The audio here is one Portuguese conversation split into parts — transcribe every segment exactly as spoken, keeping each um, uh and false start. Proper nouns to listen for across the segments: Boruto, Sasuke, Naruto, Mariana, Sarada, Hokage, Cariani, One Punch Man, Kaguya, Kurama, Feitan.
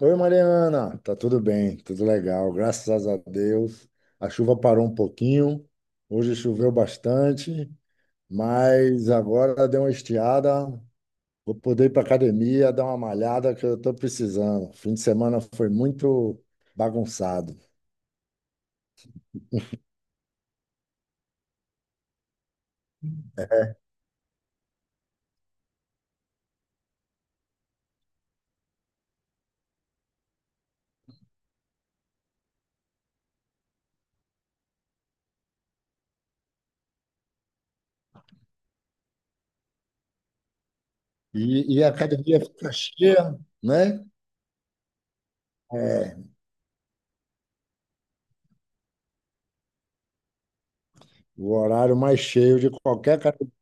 Oi, Mariana, tá tudo bem, tudo legal, graças a Deus. A chuva parou um pouquinho, hoje choveu bastante, mas agora deu uma estiada. Vou poder ir para academia, dar uma malhada que eu estou precisando. Fim de semana foi muito bagunçado. E, e a academia fica cheia, né? É, o horário mais cheio de qualquer academia.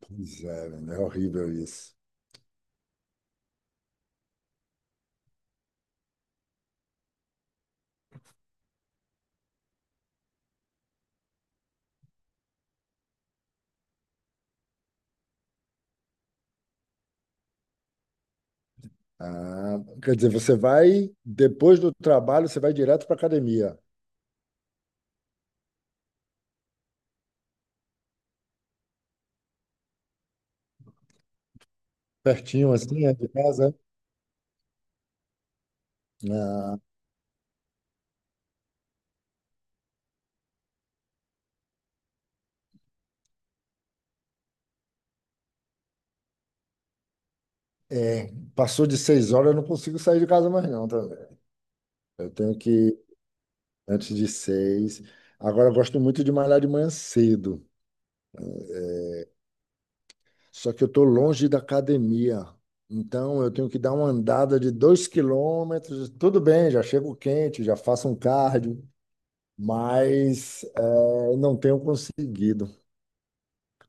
Pois é, menino, é horrível isso. Ah, quer dizer, você vai, depois do trabalho, você vai direto para academia. Pertinho, assim, é, de casa. Ah, é, passou de seis horas, eu não consigo sair de casa mais, não. Tá? Vendo? Eu tenho que ir antes de seis. Agora, eu gosto muito de malhar de manhã cedo, só que eu estou longe da academia. Então, eu tenho que dar uma andada de dois quilômetros. Tudo bem, já chego quente, já faço um cardio, mas eh, não tenho conseguido.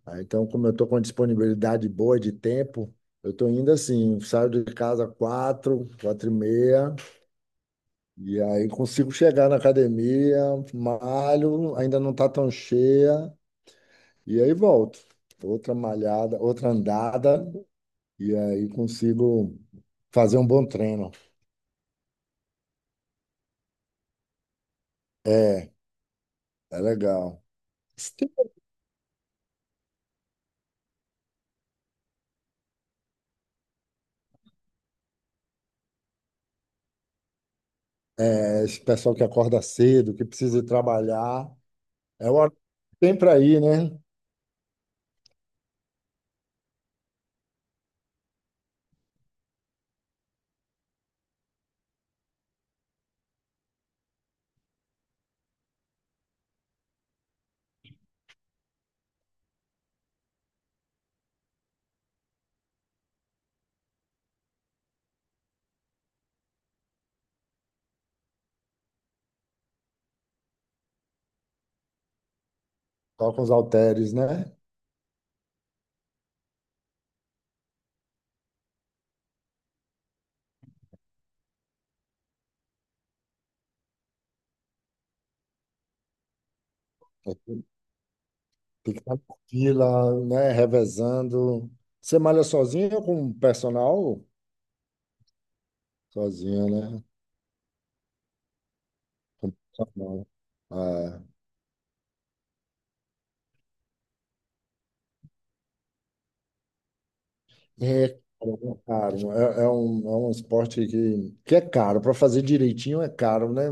Ah, Então, como eu estou com uma disponibilidade boa de tempo, eu estou indo assim, saio de casa quatro, quatro e meia, e aí consigo chegar na academia, malho, ainda não está tão cheia, e aí volto. Outra malhada, outra andada, e aí consigo fazer um bom treino. É, é legal. Se tem, é, esse pessoal que acorda cedo, que precisa ir trabalhar, é o horário que tem para ir, né? Toca os halteres, né? Tem que estar na fila, né? Revezando. Você malha sozinho ou com personal? Sozinho, né? Não. Ah, é caro. É, um, é um, é um esporte que, que é caro. Para fazer direitinho é caro, né?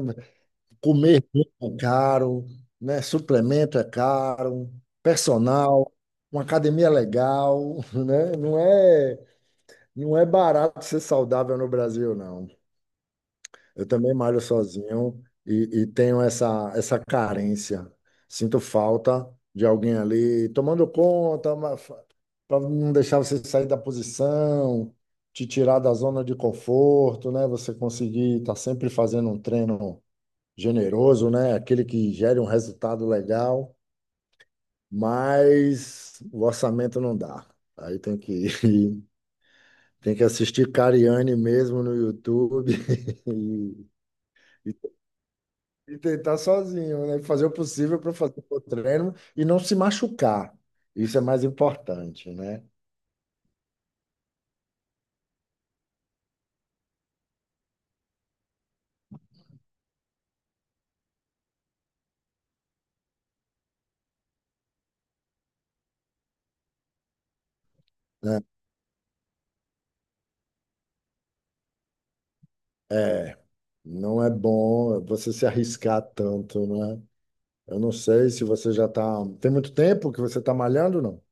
Comer bem é caro, né? Suplemento é caro, personal, uma academia legal, né? Não é, não é barato ser saudável no Brasil, não. Eu também malho sozinho e, e tenho essa, essa carência. Sinto falta de alguém ali tomando conta, para não deixar você sair da posição, te tirar da zona de conforto, né? Você conseguir estar sempre fazendo um treino generoso, né? Aquele que gere um resultado legal, mas o orçamento não dá. Aí tem que tem que assistir Cariani mesmo no YouTube e, E tentar sozinho, né? Fazer o possível para fazer o treino e não se machucar. Isso é mais importante, né? Né? É, não é bom você se arriscar tanto, né? Eu não sei se você já tá. Tem muito tempo que você tá malhando, não?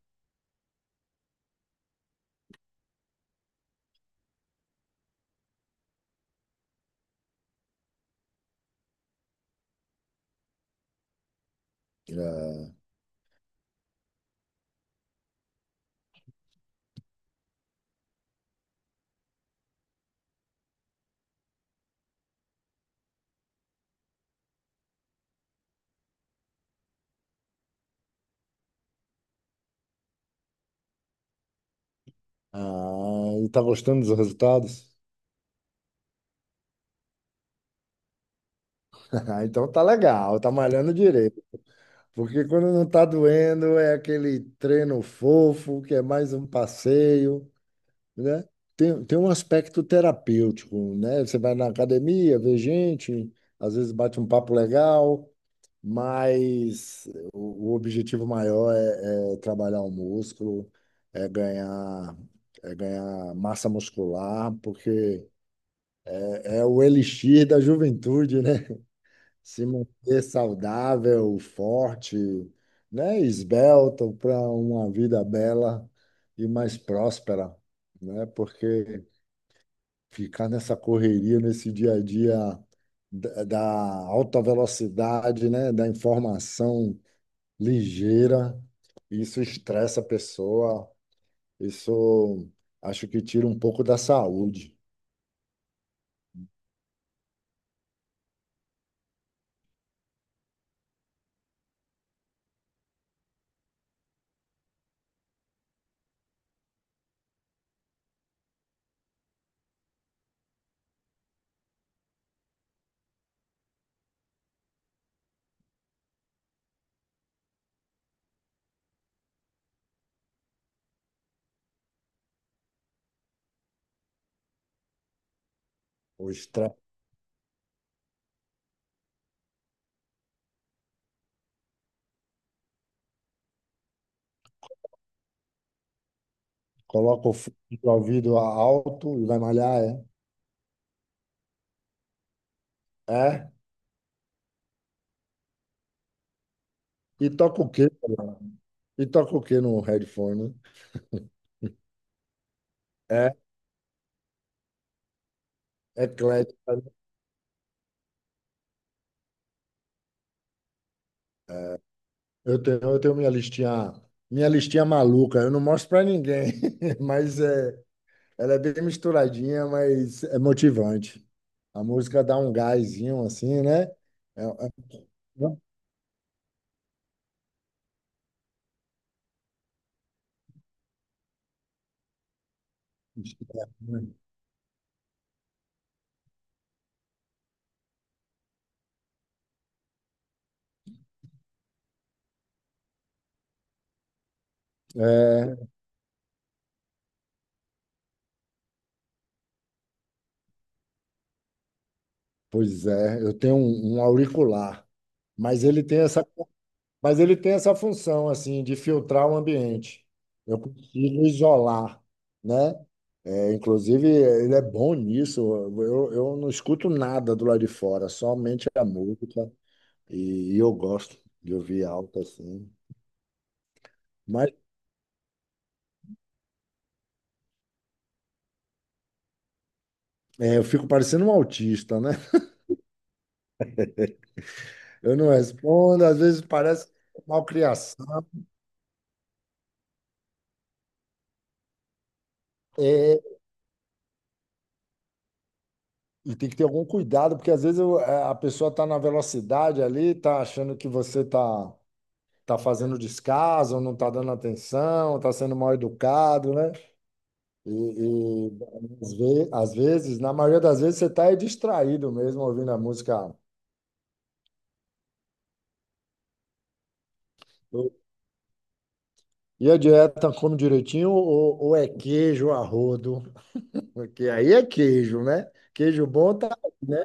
É. Ah, e tá gostando dos resultados? Então tá legal, tá malhando direito. Porque quando não tá doendo, é aquele treino fofo, que é mais um passeio. Né? Tem, tem um aspecto terapêutico, né? Você vai na academia, vê gente, às vezes bate um papo legal, mas o, o objetivo maior é, é trabalhar o músculo, é ganhar, é ganhar massa muscular, porque é o elixir da juventude, né? Se manter saudável, forte, né? Esbelto para uma vida bela e mais próspera, né? Porque ficar nessa correria, nesse dia a dia da da alta velocidade, né, da informação ligeira, isso estressa a pessoa, isso acho que tira um pouco da saúde. O estresse, coloca o fone de ouvido alto e vai malhar, é? É? E toca o quê? E toca o quê no headphone? É, eclético. Eu tenho, eu tenho minha listinha, minha listinha maluca, eu não mostro pra ninguém, mas é, ela é bem misturadinha, mas é motivante. A música dá um gásinho assim, né? É, é- é, pois é, eu tenho um, um auricular, mas ele tem essa, mas ele tem essa função assim de filtrar o ambiente. Eu consigo isolar, né? É, inclusive, ele é bom nisso. Eu, eu não escuto nada do lado de fora, somente a música. E, eu gosto de ouvir alto assim. É, eu fico parecendo um autista, né? Eu não respondo, às vezes parece malcriação. É, e tem que ter algum cuidado, porque às vezes eu- a a pessoa está na velocidade ali, está achando que você está tá fazendo descaso, não está dando atenção, está sendo mal educado, né? E, e às ve- às vezes, na maioria das vezes, você está distraído mesmo ouvindo a música. E a dieta come direitinho ou, ou é queijo a rodo? Porque aí é queijo, né? Queijo bom tá, né?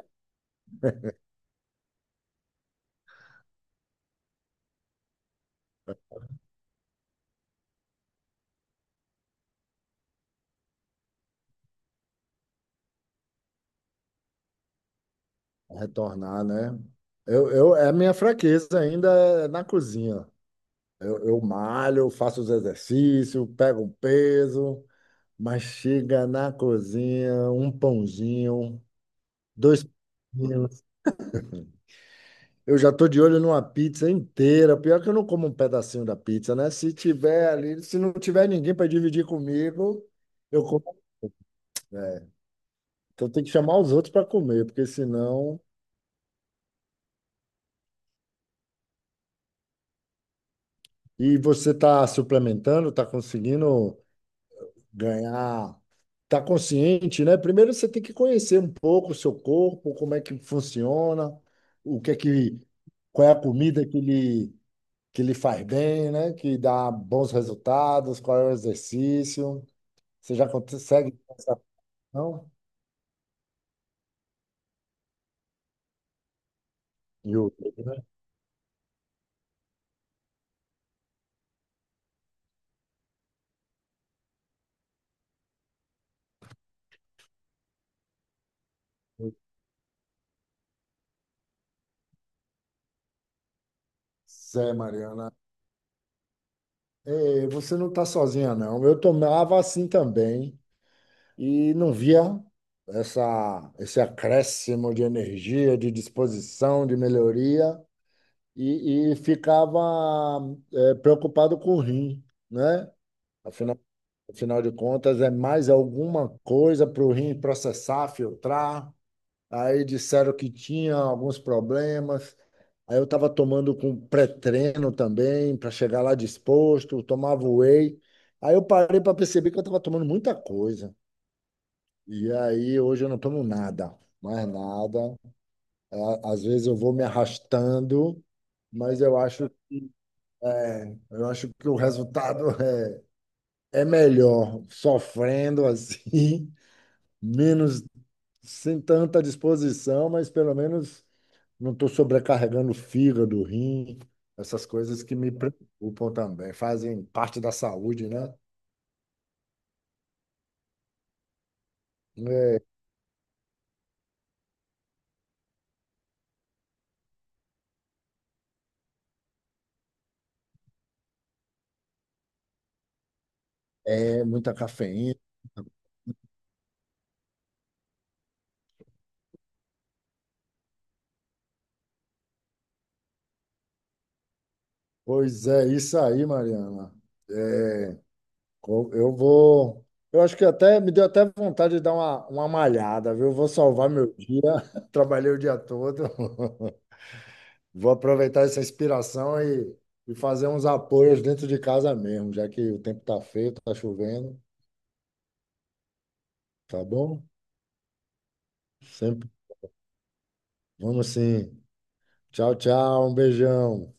Retornar, né? Eu, eu, é a minha fraqueza ainda é na cozinha. Eu, eu malho, faço os exercícios, pego um peso, mas chega na cozinha, um pãozinho, dois pãozinhos. Eu já tô de olho numa pizza inteira. Pior que eu não como um pedacinho da pizza, né? Se tiver ali, se não tiver ninguém para dividir comigo, eu como. É, então tem que chamar os outros para comer, porque senão. E você está suplementando, está conseguindo ganhar, tá consciente, né? Primeiro você tem que conhecer um pouco o seu corpo, como é que funciona, o que é que, qual é a comida que lhe, que lhe faz bem, né? Que dá bons resultados, qual é o exercício. Você já consegue essa não? E outra, né? Zé, Mariana, eh, você não está sozinha, não. Eu tomava assim também e não via essa, esse acréscimo de energia, de disposição, de melhoria. e, e ficava eh, preocupado com o rim, né? Afinal, afinal de contas, é mais alguma coisa para o rim processar, filtrar. Aí disseram que tinha alguns problemas. Aí eu estava tomando com pré-treino também, para chegar lá disposto, tomava whey. Aí eu parei para perceber que eu estava tomando muita coisa. E aí hoje eu não tomo nada, mais nada. Ah, Às vezes eu vou me arrastando, mas eu acho é, eu acho que o resultado é, é melhor sofrendo assim, menos sem tanta disposição, mas pelo menos não estou sobrecarregando o fígado, o rim, essas coisas que me preocupam também, fazem parte da saúde, né? É, é muita cafeína. Pois é, isso aí, Mariana. É, co- eu vou. Eu acho que até me deu até vontade de dar uma, uma malhada, viu? Vou salvar meu dia. Trabalhei o dia todo. Vou aproveitar essa inspiração e, e fazer uns apoios dentro de casa mesmo, já que o tempo tá feio, tá chovendo, tá bom? Sempre. Vamos sim. Tchau, tchau, um beijão.